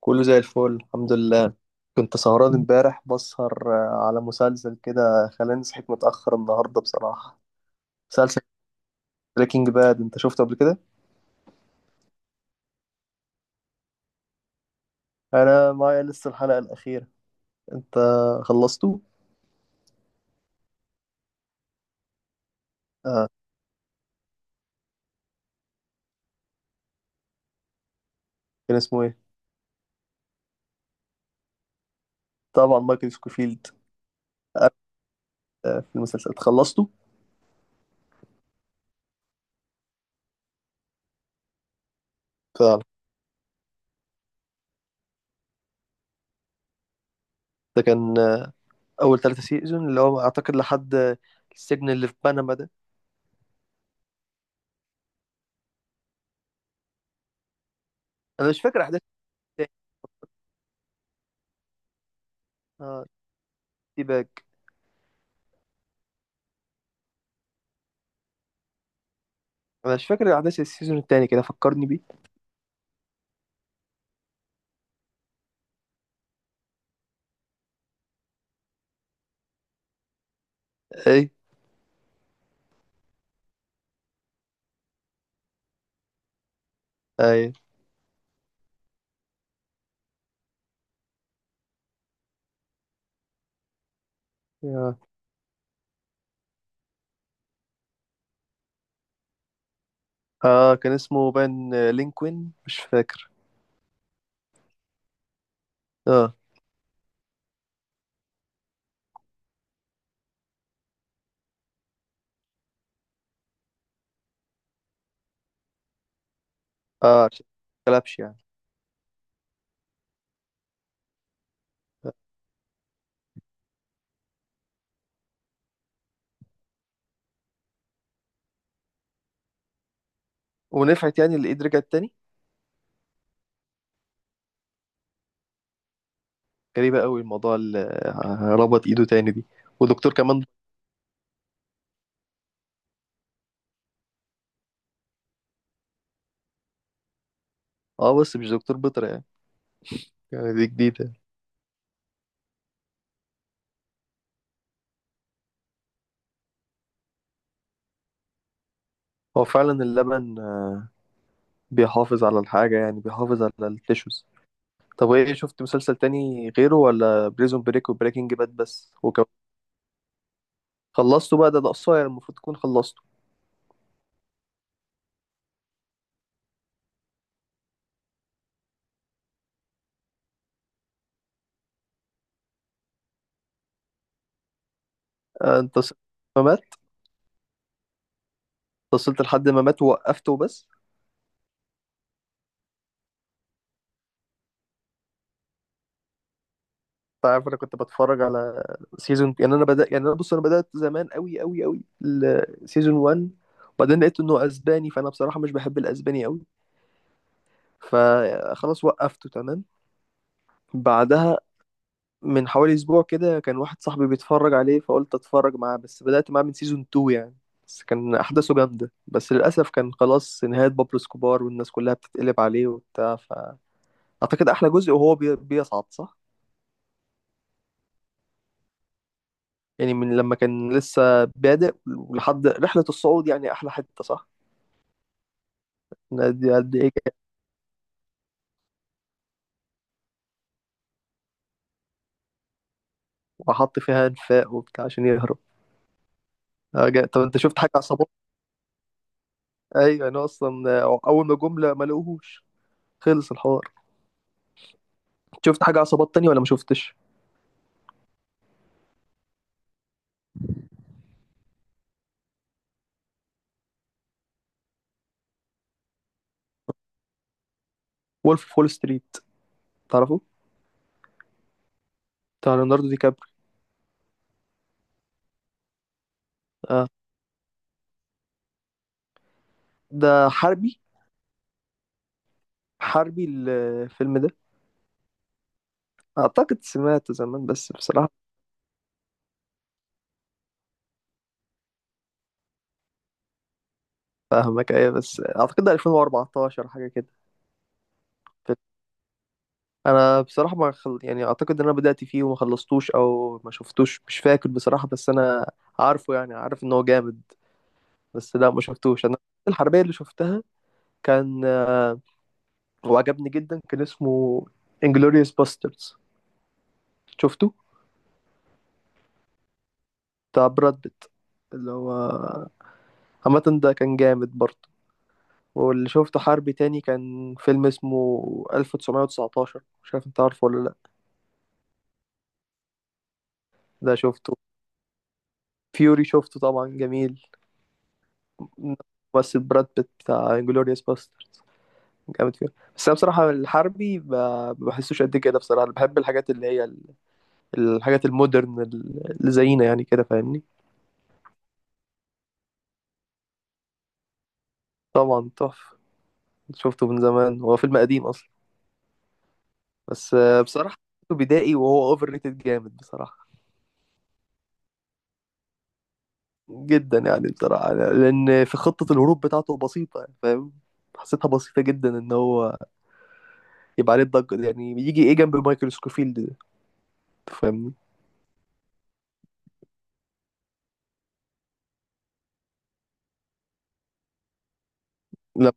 كله زي الفل الحمد لله. كنت سهران امبارح بسهر على مسلسل كده. خلاني صحيت متأخر النهاردة بصراحة. مسلسل بريكنج باد انت شفته قبل كده؟ انا معايا لسه الحلقة الأخيرة. انت خلصته؟ آه. كان اسمه ايه؟ طبعا مايكل سكوفيلد. آه في المسلسل خلصته؟ فعلا. ده كان أول ثلاثة سيزون اللي هو أعتقد لحد السجن اللي في بنما ده. أنا مش فاكر أحداث التاني. اه. تي باك. أنا مش فاكر أحداث السيزون التاني كده فكرني بيه. ايه. ايه. اه كان اسمه بان لينكوين مش فاكر. اه. اه. عشان ما كلبش يعني. ونفعت يعني اللي ايد رجعت تاني. غريبة قوي الموضوع اللي ربط ايده تاني دي. ودكتور كمان. اه بس مش دكتور بيطري يعني. يعني دي جديدة. هو فعلا اللبن بيحافظ على الحاجة يعني بيحافظ على التيشوز. طب ايه شفت مسلسل تاني غيره ولا بريزون بريك وبريكنج باد بس وكم؟ خلصته بقى ده قصير المفروض تكون خلصته. انت وصلت. ما مات؟ انت وصلت لحد ما مات ووقفته بس. انت عارف انا كنت بتفرج على سيزون يعني انا بدأ يعني انا بص انا بدأت زمان قوي قوي قوي سيزون 1. وبعدين لقيت انه اسباني فانا بصراحة مش بحب الاسباني قوي. فخلاص وقفته تمام. بعدها من حوالي اسبوع كده كان واحد صاحبي بيتفرج عليه فقلت اتفرج معاه بس بدأت معاه من سيزون 2 يعني. بس كان احداثه جامدة بس للاسف كان خلاص نهاية بابلو سكوبار والناس كلها بتتقلب عليه وبتاع فاعتقد احلى جزء وهو بيصعد صح. يعني من لما كان لسه بادئ لحد رحلة الصعود يعني أحلى حتة صح؟ دي قد إيه كان. وحط فيها أنفاق وبتاع عشان يهرب. طب أنت شفت حاجة عصابات؟ أيوة أنا أصلا أول ما جملة ما لقوهوش. خلص الحوار. شفت حاجة عصابات تانية ولا ما شفتش؟ وولف أوف وول ستريت. تعرفه؟ بتاع ليوناردو دي كابري. آه. ده حربي. حربي الفيلم ده. أعتقد سمعته زمان بس بصراحة. فاهمك أيوة بس أعتقد ده 2014 حاجة كده. انا بصراحه ما يعني اعتقد ان انا بدات فيه وما خلصتوش او ما شفتوش مش فاكر بصراحه بس انا عارفه يعني عارف ان هو جامد. بس لا ما شفتوش انا. الحربيه اللي شفتها كان وعجبني جدا كان اسمه انجلوريوس باستردز شفته. بتاع براد بيت اللي هو عامه ده كان جامد برضه. واللي شفته حربي تاني كان فيلم اسمه 1919 مش عارف انت عارفه ولا لا. ده شفته. فيوري شفته طبعا جميل. بس براد بيت بتاع انجلوريوس باستردز جامد فيه. بس انا بصراحه الحربي ما بحسوش قد كده بصراحه انا بحب الحاجات اللي هي الحاجات المودرن اللي زينا يعني كده فاهمني. طبعا تحفه. شفته من زمان هو فيلم قديم اصلا. بس بصراحه شفته بدائي وهو اوفر ريتد جامد بصراحه. جدا يعني بصراحه لان في خطه الهروب بتاعته بسيطه يعني فاهم. حسيتها بسيطه جدا ان هو يبقى عليه الضجه دي يعني يجي ايه جنب مايكل سكوفيلد ده فاهمني. لا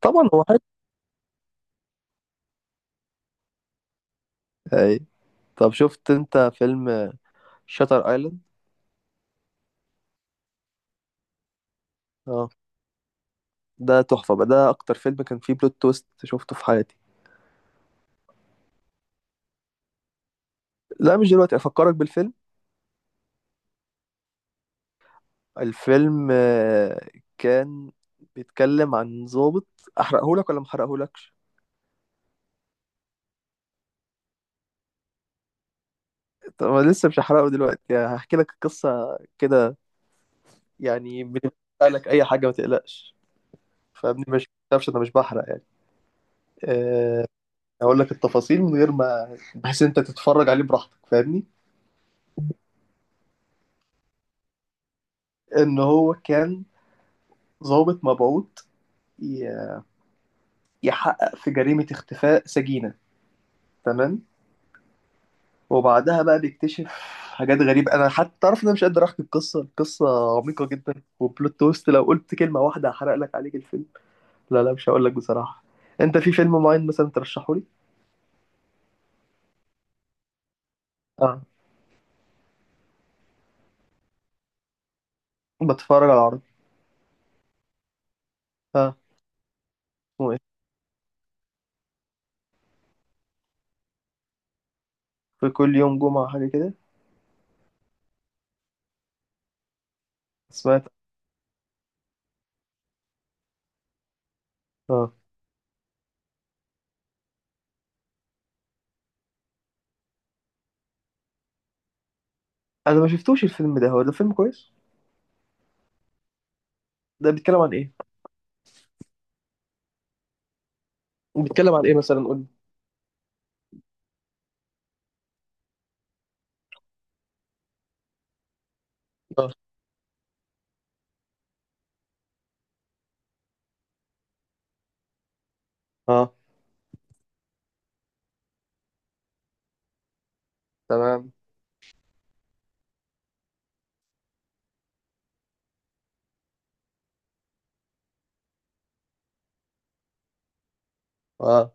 طبعا هو حلو يعني. طب شفت انت فيلم شاتر ايلاند. اه ده تحفة بقى ده اكتر فيلم كان فيه بلوت تويست شفته في حياتي. لا مش دلوقتي افكرك بالفيلم. الفيلم كان بيتكلم عن ضابط. احرقهولك ولا محرقهولكش؟ طب انا لسه مش هحرقه دلوقتي يعني هحكي لك القصة كده. يعني بنحرق لك اي حاجة ما تقلقش. فابني مش متعرفش انا مش بحرق يعني. آه، اقول لك التفاصيل من غير ما بحيث انت تتفرج عليه براحتك فاهمني. ان هو كان ضابط مبعوث يحقق في جريمة اختفاء سجينة تمام. وبعدها بقى بيكتشف حاجات غريبة. أنا حتى تعرف إن أنا مش قادر أحكي القصة. القصة عميقة جدا. وبلوت تويست لو قلت كلمة واحدة هحرق لك عليك الفيلم. لا لا مش هقول لك بصراحة. أنت في فيلم معين مثلا ترشحه لي؟ أه. بتفرج على عربي. أه. اسمه إيه؟ في كل يوم جمعة حاجة كده. سمعت أه. أنا ما شفتوش الفيلم ده، هو ده فيلم كويس؟ ده بيتكلم عن إيه؟ بيتكلم عن إيه مثلا قول لي؟ اه. اه. تمام. اه.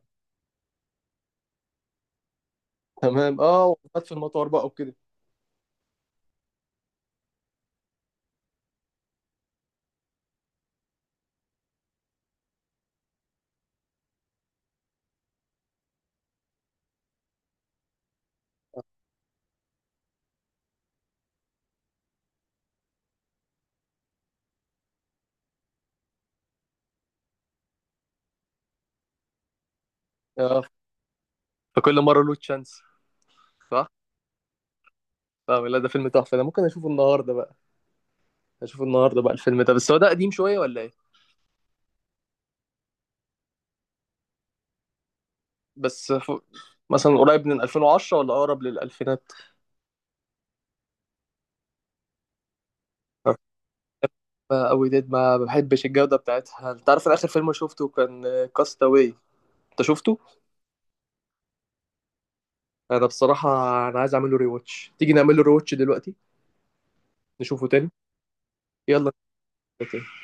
تمام. اه وفات في المطار بقى وكده. آه. فكل مره له تشانس صح. فاهم، لا ده فيلم تحفه ده ممكن اشوفه النهارده بقى. اشوفه النهارده بقى الفيلم ده بس هو ده قديم شويه ولا ايه؟ بس مثلا قريب من 2010 ولا اقرب للالفينات؟ قوي ديد ما بحبش الجوده بتاعتها. انت عارف انا اخر فيلم شفته كان كاستاوي. انت شفته؟ انا بصراحه انا عايز اعمل له ري واتش، تيجي نعمل له ري واتش دلوقتي. نشوفه تاني. يلا.